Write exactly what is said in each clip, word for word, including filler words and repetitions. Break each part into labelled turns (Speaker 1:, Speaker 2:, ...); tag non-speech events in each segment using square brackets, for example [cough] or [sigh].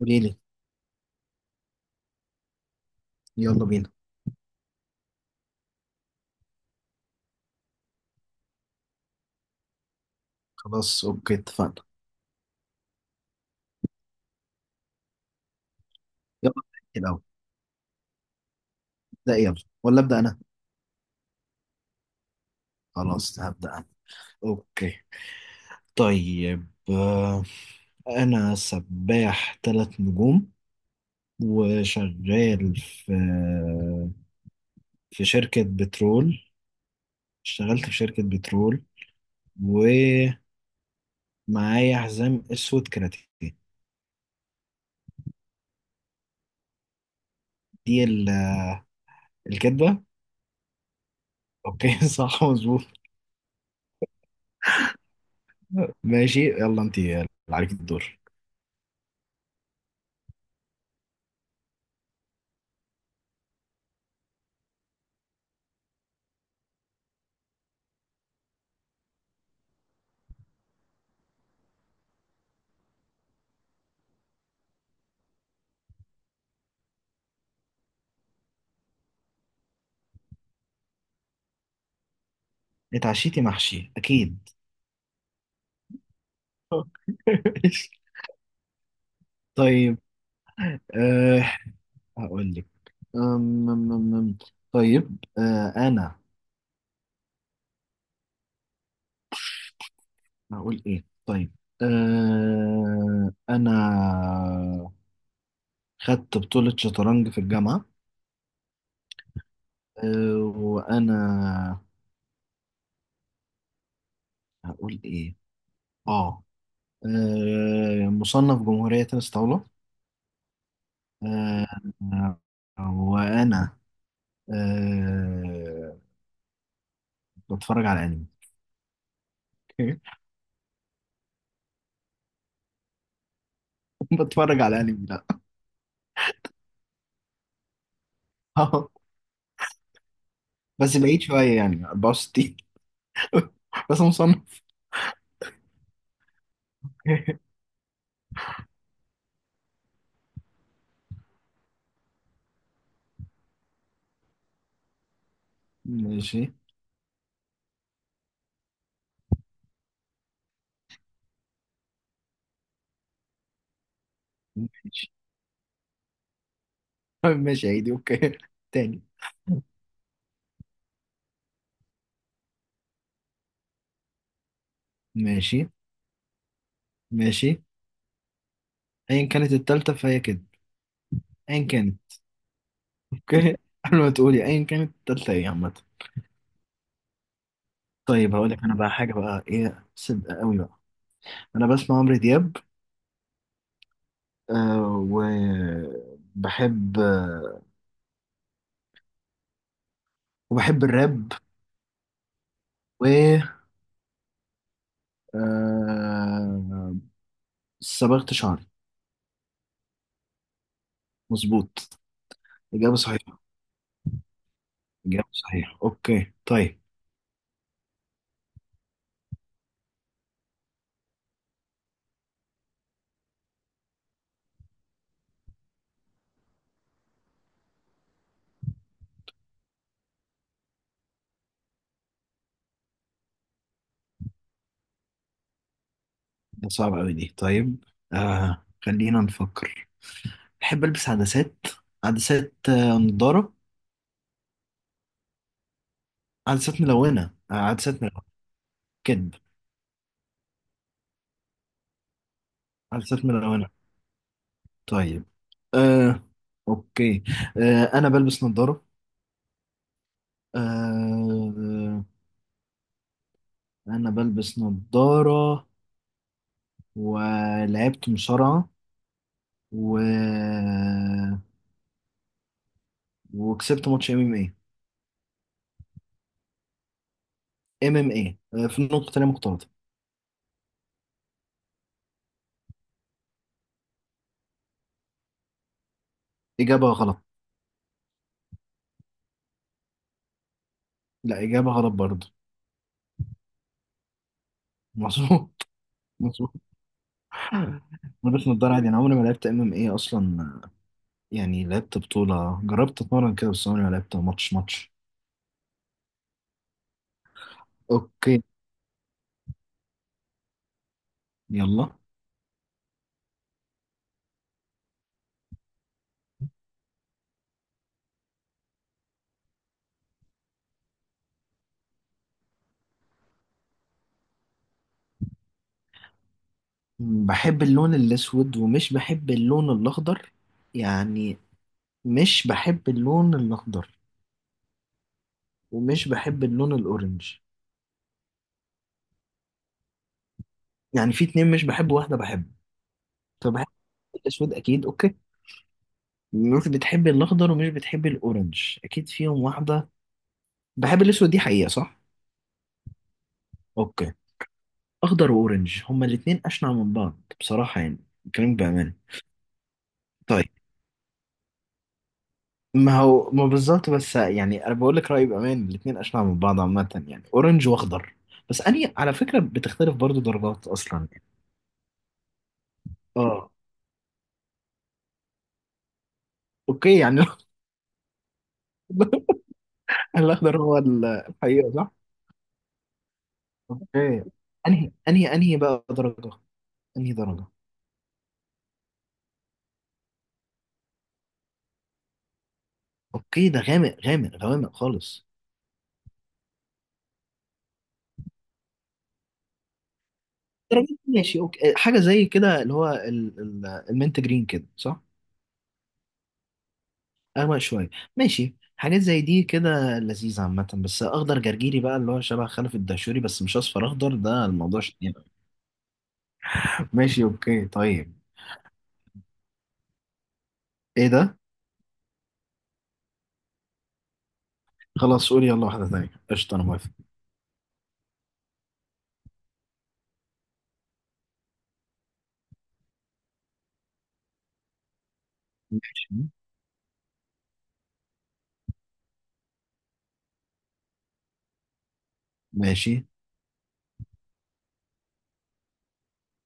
Speaker 1: قولي لي، يلا بينا. خلاص، اوكي، اتفقنا. يلا نحكي الاول. ابدا يلا. ولا ابدا انا؟ خلاص، هبدا انا. اوكي، طيب آه، انا سباح ثلاث نجوم وشغال في في شركة بترول. اشتغلت في شركة بترول، ومعايا حزام اسود كاراتيه. دي ال- الكدبة. اوكي [laughs] صح مظبوط. ماشي، يلا انت اللي عليك الدور. اتعشيتي محشي اكيد. [laughs] [laughs] طيب، أه هقول لك. أم أم أم أم. طيب، أه أنا هقول إيه؟ طيب، أه أنا خدت بطولة شطرنج في الجامعة. أه وأنا هقول إيه؟ آه أه، مصنف جمهورية تنس طاولة. أه آه، وأنا أه بتفرج على أنمي. [laughs] بتفرج على أنمي؟ لأ. [laughs] بس بعيد شوية، يعني اربعه وستين. [laughs] بس مصنف. [laughs] ماشي ماشي. [laughs] ماشي، عيدي، اوكي تاني. ماشي ماشي. ايا كانت التالتة فهي كده. ايا كانت. اوكي [laughs] قبل ما تقولي ايا كانت التالتة ايه عامة؟ طيب هقول لك انا بقى حاجة بقى، ايه؟ صدق قوي بقى. انا بسمع عمرو دياب. آه وبحب، آه وبحب الراب. و آه صبغت شعري. مظبوط. إجابة صحيحة. إجابة صحيحة، أوكي طيب. ده صعب أوي دي، طيب آه خلينا نفكر. بحب البس عدسات. عدسات آه، نضاره؟ عدسات ملونه آه، عدسات ملونه. كدب. عدسات ملونه. طيب آه، اوكي. آه، انا بلبس نضاره. آه، انا بلبس نضاره ولعبت مصارعه، و... وكسبت ماتش ام ام اي. ام ام اي في النقطه تانية مختلطه. اجابه غلط. لا، اجابه غلط برضه. مظبوط، مظبوط [laughs] بلبس نضاره عادي، انا عمري ما لعبت ام ام اي اصلا. يعني لعبت بطولة، جربت اتمرن كده، بس عمري ما لعبت ماتش ماتش. اوكي يلا. بحب اللون الاسود ومش بحب اللون الاخضر، يعني مش بحب اللون الاخضر ومش بحب اللون الاورنج. يعني في اتنين مش بحب، واحدة بحب. فبحب الاسود اكيد. اوكي، مش بتحب الاخضر ومش بتحب الاورنج، اكيد فيهم واحدة. بحب الاسود دي حقيقة، صح؟ اوكي. اخضر واورنج هما الاتنين اشنع من بعض بصراحة يعني. كلامك بأمانة. طيب، ما هو ما بالظبط، بس يعني انا بقول لك رايي بامان. الاثنين اشنع من بعض عامه، يعني اورنج واخضر. بس اني على فكره بتختلف برضو درجات اصلا يعني. اه اوكي يعني. [laughs] الاخضر هو ال- الحقيقه، صح. اوكي، انهي انهي انهي بقى درجه؟ انهي درجه؟ اوكي، ده غامق غامق غوامق خالص. درجات، ماشي اوكي. حاجه زي كده اللي هو ال- ال- المنت جرين كده، صح؟ أغمق شوية. ماشي، حاجات زي دي كده لذيذة عامة. بس أخضر جرجيري بقى، اللي هو شبه خلف الدهشوري، بس مش أصفر أخضر. ده الموضوع شديد. [laughs] ماشي أوكي طيب. إيه ده؟ خلاص قولي، يلا واحدة تانية، قشطة، أنا موافق. ماشي. ماشي.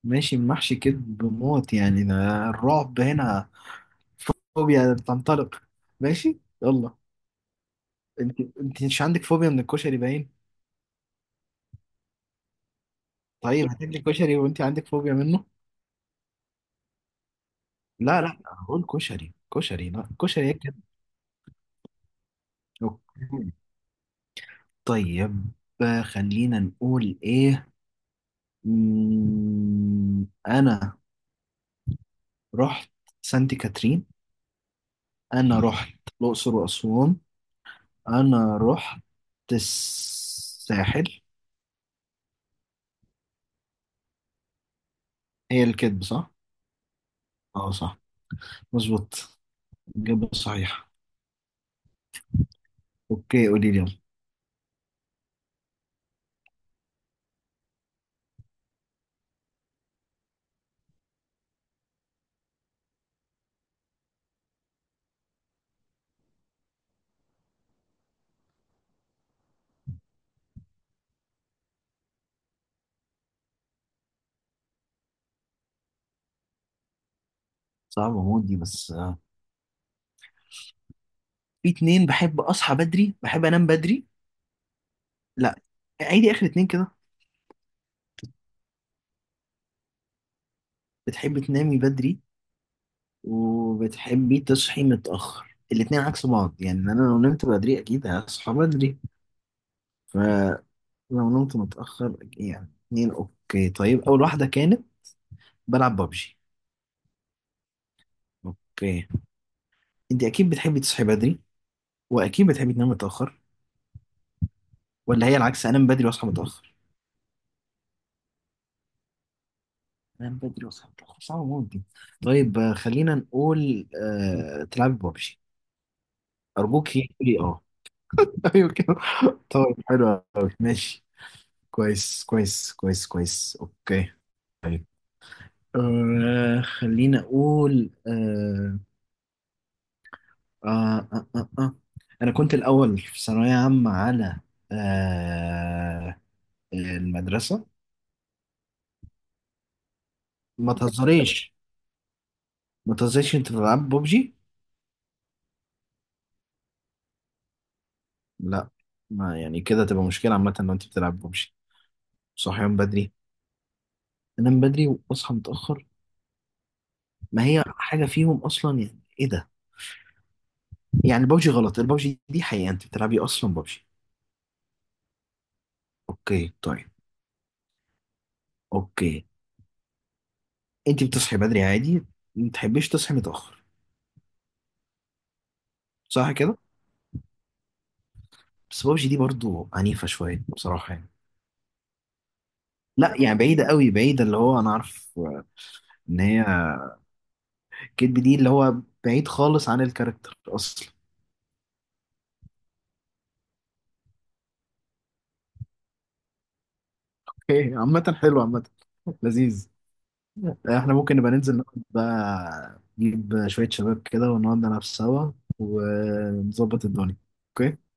Speaker 1: ماشي محشي، كدب موت يعني ده. الرعب هنا. فوبيا بتنطلق. ماشي يلا. أنت أنت مش عندك فوبيا من الكشري باين؟ طيب هتاكلي كشري وأنت عندك فوبيا منه؟ لا لا، هقول كشري. كشري، لا كشري. هيك. طيب آه، خلينا نقول ايه. مم، انا رحت سانت كاترين. انا رحت الاقصر واسوان. انا رحت الساحل. هي الكذب، صح؟ اه صح، مظبوط. الإجابة صحيحة. اوكي، قولي لي يلا. صعبة موت دي، بس آه، في اتنين. بحب اصحى بدري، بحب انام بدري. لا، عيدي اخر اتنين كده. بتحب تنامي بدري وبتحبي تصحي متأخر؟ الاتنين عكس بعض يعني. انا لو نمت بدري اكيد هصحى بدري، فلو نمت متأخر، يعني اتنين. اوكي طيب، اول واحدة كانت بلعب ببجي. اوكي، انت اكيد بتحبي تصحي بدري، واكيد بتحبي تنامي متأخر؟ ولا هي العكس، انام بدري واصحى متأخر؟ انام بدري واصحى متأخر، صعب موت دي. طيب آه، خلينا نقول آه... تلعبي ببجي. ارجوك، هي- قولي اه. [laughs] ايوه كده. طيب حلو أوي. ماشي. كويس كويس كويس كويس، اوكي طيب. آه خليني اقول. آه آه آه آه آه. انا كنت الاول في ثانويه عامه على آه المدرسه. ما تهزريش، ما تهزريش، انت بتلعب ببجي. لا. ما يعني كده تبقى مشكله عامه لو انت بتلعب ببجي، صحيان بدري. انام بدري واصحى متاخر، ما هي حاجه فيهم اصلا. يعني ايه ده؟ يعني ببجي غلط. الببجي دي حقيقه، انت بتلعبي اصلا ببجي؟ اوكي طيب. اوكي، انت بتصحي بدري عادي، ما تحبيش تصحي متاخر، صح كده؟ بس بابجي دي برضو عنيفه شويه بصراحه يعني. لا يعني، بعيده قوي، بعيده اللي هو انا عارف ان هي كدب. دي اللي هو بعيد خالص عن الكاركتر اصلا. [laughs] اوكي عامه حلو، عامه لذيذ. احنا ممكن نبقى ننزل نقعد بقى، نجيب شويه شباب كده ونقعد نلعب سوا، ونظبط الدنيا. اوكي.